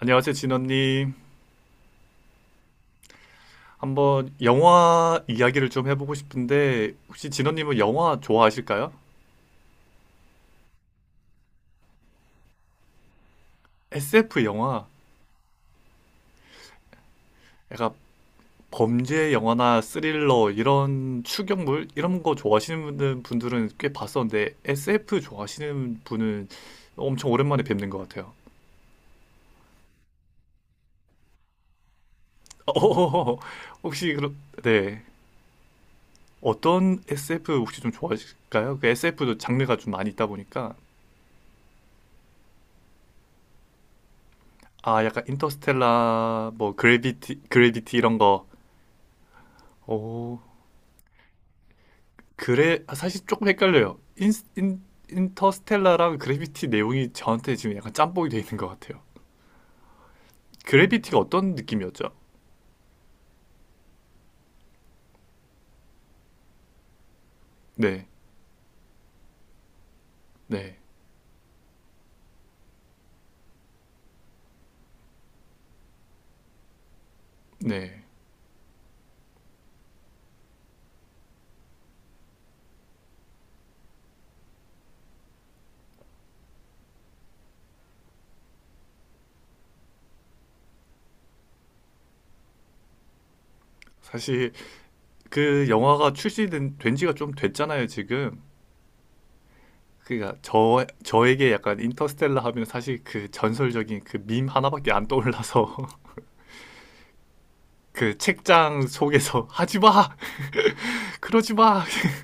안녕하세요, 진원님. 한번 영화 이야기를 좀 해보고 싶은데, 혹시 진원님은 영화 좋아하실까요? SF 영화, 약간 범죄 영화나 스릴러, 이런 추격물, 이런 거 좋아하시는 분들은 꽤 봤었는데, SF 좋아하시는 분은 엄청 오랜만에 뵙는 것 같아요. 어, 혹시, 그럼, 네. 어떤 SF 혹시 좀 좋아하실까요? 그 SF도 장르가 좀 많이 있다 보니까, 아, 약간 인터스텔라, 뭐, 그래비티, 그래비티 이런 거, 오, 그래 아, 사실 조금 헷갈려요. 인, 인터스텔라랑 그래비티 내용이 저한테 지금 약간 짬뽕이 돼 있는 것 같아요. 그래비티가 어떤 느낌이었죠? 네, 네, 네. 사실 그 영화가 출시된 된 지가 좀 됐잖아요, 지금. 그러니까 저에게 약간 인터스텔라 하면 사실 그 전설적인 그 밈 하나밖에 안 떠올라서 그 책장 속에서 하지 마, 그러지 마.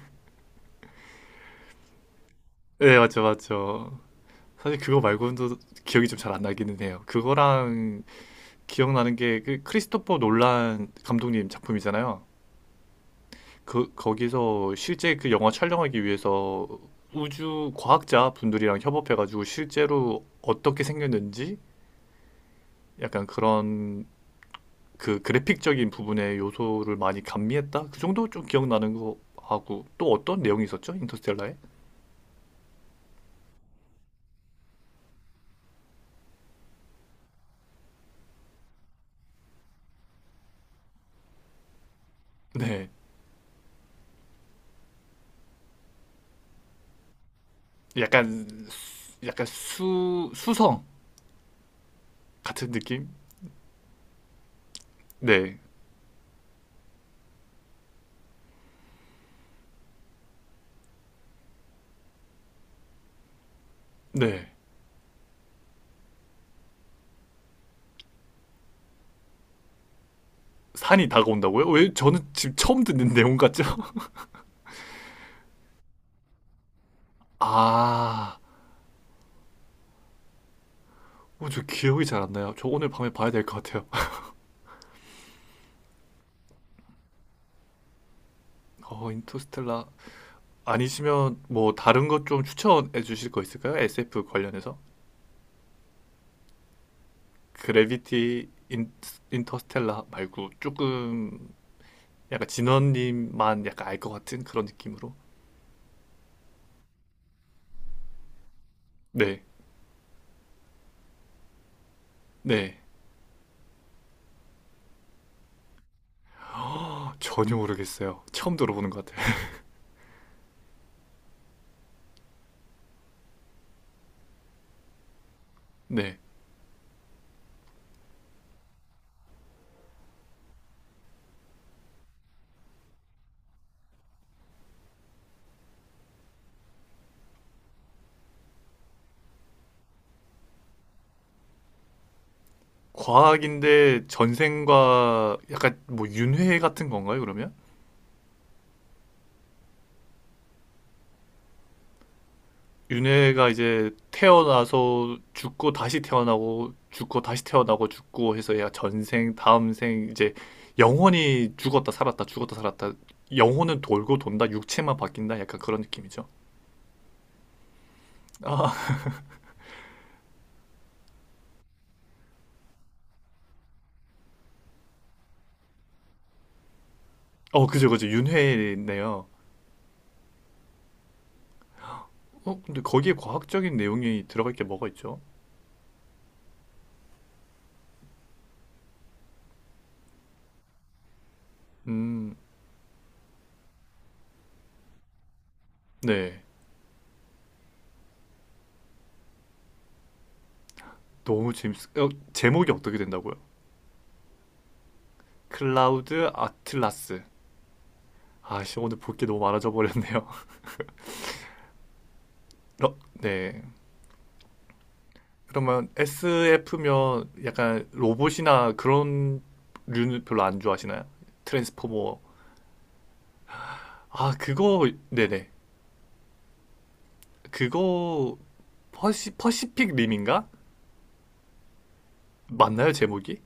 네, 맞죠, 맞죠. 사실 그거 말고는 또 기억이 좀 잘 안 나기는 해요. 그거랑 기억나는 게 그 크리스토퍼 놀란 감독님 작품이잖아요. 그 거기서 실제 그 영화 촬영하기 위해서 우주 과학자 분들이랑 협업해가지고 실제로 어떻게 생겼는지 약간 그런 그 그래픽적인 부분의 요소를 많이 감미했다. 그 정도 좀 기억나는 거 하고 또 어떤 내용이 있었죠? 인터스텔라에? 네, 약간 수 수성 같은 느낌? 네, 네. 산이 다가온다고요? 왜 저는 지금 처음 듣는 내용 같죠? 아, 어, 저 기억이 잘 안 나요. 저 오늘 밤에 봐야 될 것 같아요. 어, 인터스텔라. 아니시면 뭐 다른 것 좀 추천해 주실 거 있을까요? SF 관련해서? 그래비티 인, 인터스텔라 말고 조금 약간 진원님만 약간 알 것 같은 그런 느낌으로. 네, 네. 허, 전혀 모르겠어요. 처음 들어보는 것 같아요. 네. 과학인데 전생과 약간 뭐 윤회 같은 건가요, 그러면? 윤회가 이제 태어나서 죽고 다시 태어나고 죽고 다시 태어나고 죽고 해서 얘가 전생, 다음 생 이제 영혼이 죽었다 살았다 죽었다 살았다 영혼은 돌고 돈다 육체만 바뀐다 약간 그런 느낌이죠. 아, 어 그죠 그죠 윤회네요. 어 근데 거기에 과학적인 내용이 들어갈 게 뭐가 있죠? 음, 네 너무 재밌. 어, 제목이 어떻게 된다고요? 클라우드 아틀라스. 아씨 오늘 볼 게 너무 많아져 버렸네요. 어, 네 그러면 SF면 약간 로봇이나 그런 류는 별로 안 좋아하시나요? 트랜스포머. 아, 그거, 네네. 그거, 퍼시픽 림인가? 맞나요, 제목이?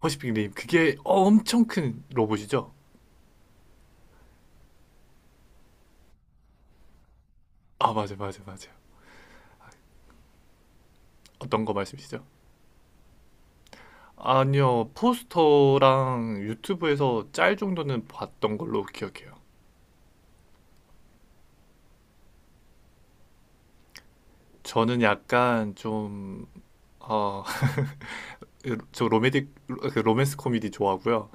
퍼시픽 림. 그게 엄청 큰 로봇이죠? 아, 맞아. 어떤 거 말씀이시죠? 아니요, 포스터랑 유튜브에서 짤 정도는 봤던 걸로 기억해요. 저는 약간 좀, 어, 저 로맨틱, 그 로맨스 코미디 좋아하고요.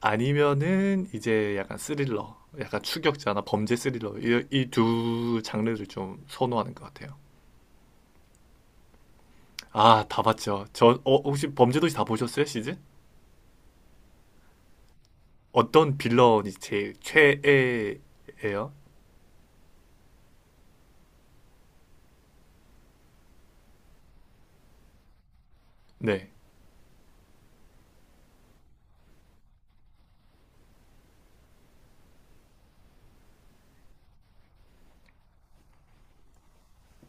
아니면은 이제 약간 스릴러, 약간 추격자나 범죄 스릴러 이 두 장르를 좀 선호하는 것 같아요. 아, 다 봤죠. 혹시 범죄도시 다 보셨어요, 시즌? 어떤 빌런이 제일 최애예요? 네,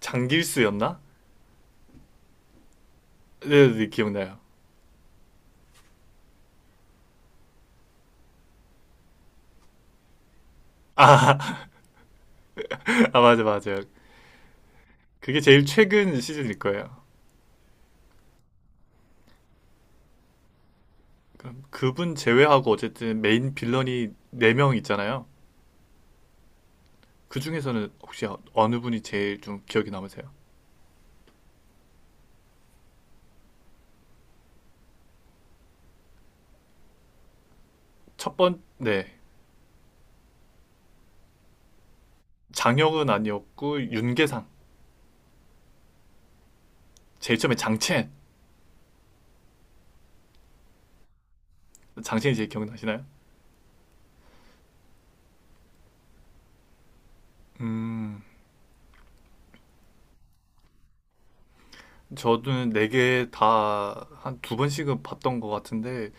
장길수였나? 네, 네, 기억나요. 아, 맞아요. 그게 제일 최근 시즌일 거예요. 그럼 그분 제외하고 어쨌든 메인 빌런이 네 명 있잖아요. 그 중에서는 혹시 어느 분이 제일 좀 기억에 남으세요? 네. 장혁은 아니었고 윤계상. 제일 처음에 장첸. 장첸이 제일 기억나시나요? 음. 저도 네 개 다 한 두 번씩은 봤던 것 같은데,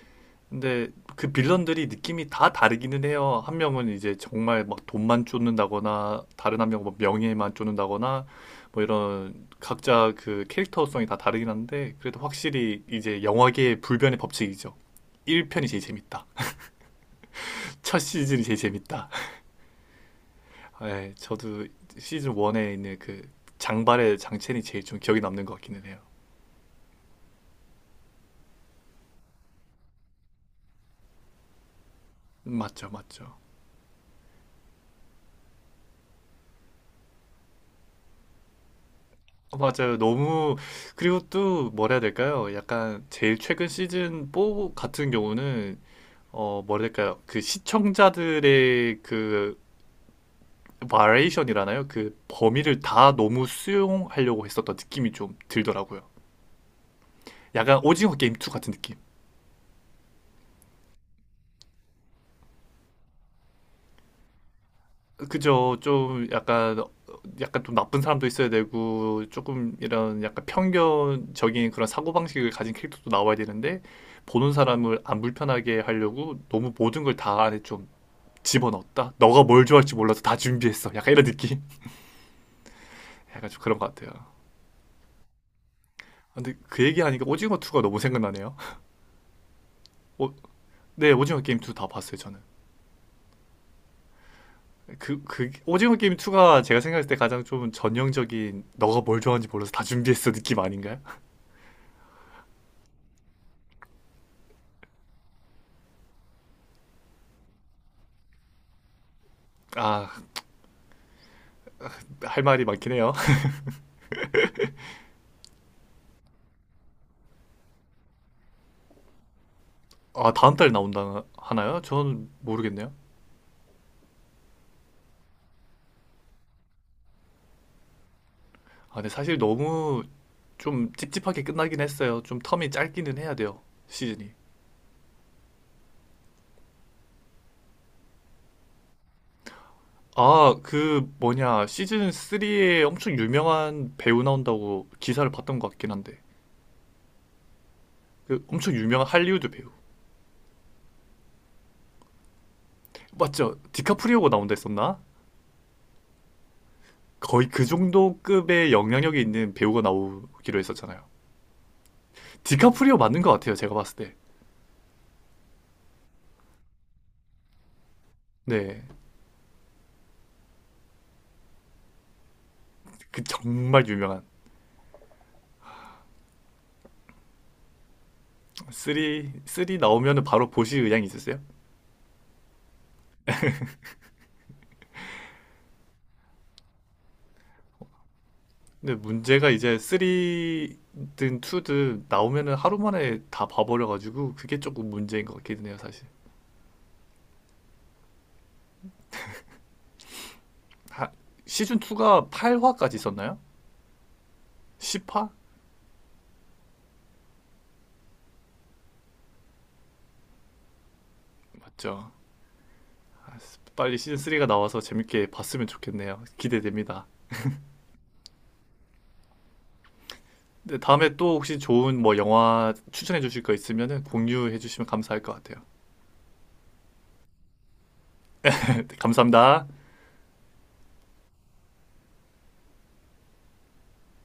근데 그 빌런들이 느낌이 다 다르기는 해요. 한 명은 이제 정말 막 돈만 쫓는다거나, 다른 한 명은 뭐 명예만 쫓는다거나, 뭐 이런 각자 그 캐릭터성이 다 다르긴 한데, 그래도 확실히 이제 영화계의 불변의 법칙이죠. 1편이 제일 재밌다. 첫 시즌이 제일 재밌다. 네, 저도 시즌 1에 있는 그 장발의 장첸이 제일 좀 기억에 남는 것 같기는 해요. 맞죠, 맞죠. 어, 맞아요. 너무 그리고 또 뭐라 해야 될까요? 약간 제일 최근 시즌 4 같은 경우는 어 뭐라 해야 될까요? 그 시청자들의 그 바리에이션이라나요? 그 범위를 다 너무 수용하려고 했었던 느낌이 좀 들더라고요. 약간 오징어 게임 2 같은 느낌. 그죠. 약간 좀 나쁜 사람도 있어야 되고 조금 이런 약간 편견적인 그런 사고방식을 가진 캐릭터도 나와야 되는데 보는 사람을 안 불편하게 하려고 너무 모든 걸 다 안에 좀 집어넣었다. 너가 뭘 좋아할지 몰라서 다 준비했어. 약간 이런 느낌. 약간 좀 그런 것 같아요. 아, 근데 그 얘기하니까 오징어 2가 너무 생각나네요. 오, 네, 오징어 게임 2 다 봤어요, 저는. 오징어 게임 2가 제가 생각했을 때 가장 좀 전형적인 너가 뭘 좋아하는지 몰라서 다 준비했어 느낌 아닌가요? 아, 할 말이 많긴 해요. 아, 다음 달 나온다 하나요? 전 모르겠네요. 아, 근데 사실 너무 좀 찝찝하게 끝나긴 했어요. 좀 텀이 짧기는 해야 돼요. 시즌이. 아, 그 뭐냐. 시즌 3에 엄청 유명한 배우 나온다고 기사를 봤던 것 같긴 한데. 그 엄청 유명한 할리우드 배우. 맞죠? 디카프리오가 나온다 했었나? 거의 그 정도 급의 영향력이 있는 배우가 나오기로 했었잖아요. 디카프리오 맞는 것 같아요. 제가 봤을 때. 네. 그 정말 유명한. 쓰리 나오면은 바로 보실 의향이 있으세요? 근데 문제가 이제 쓰리든 투든 나오면은 하루 만에 다 봐버려가지고 그게 조금 문제인 것 같기는 해요 사실 하- 시즌 2가 8화까지 있었나요? 10화? 맞죠 아, 빨리 시즌 3가 나와서 재밌게 봤으면 좋겠네요. 기대됩니다. 근데 다음에 또 혹시 좋은 뭐 영화 추천해 주실 거 있으면은 공유해 주시면 감사할 것 같아요. 네, 감사합니다.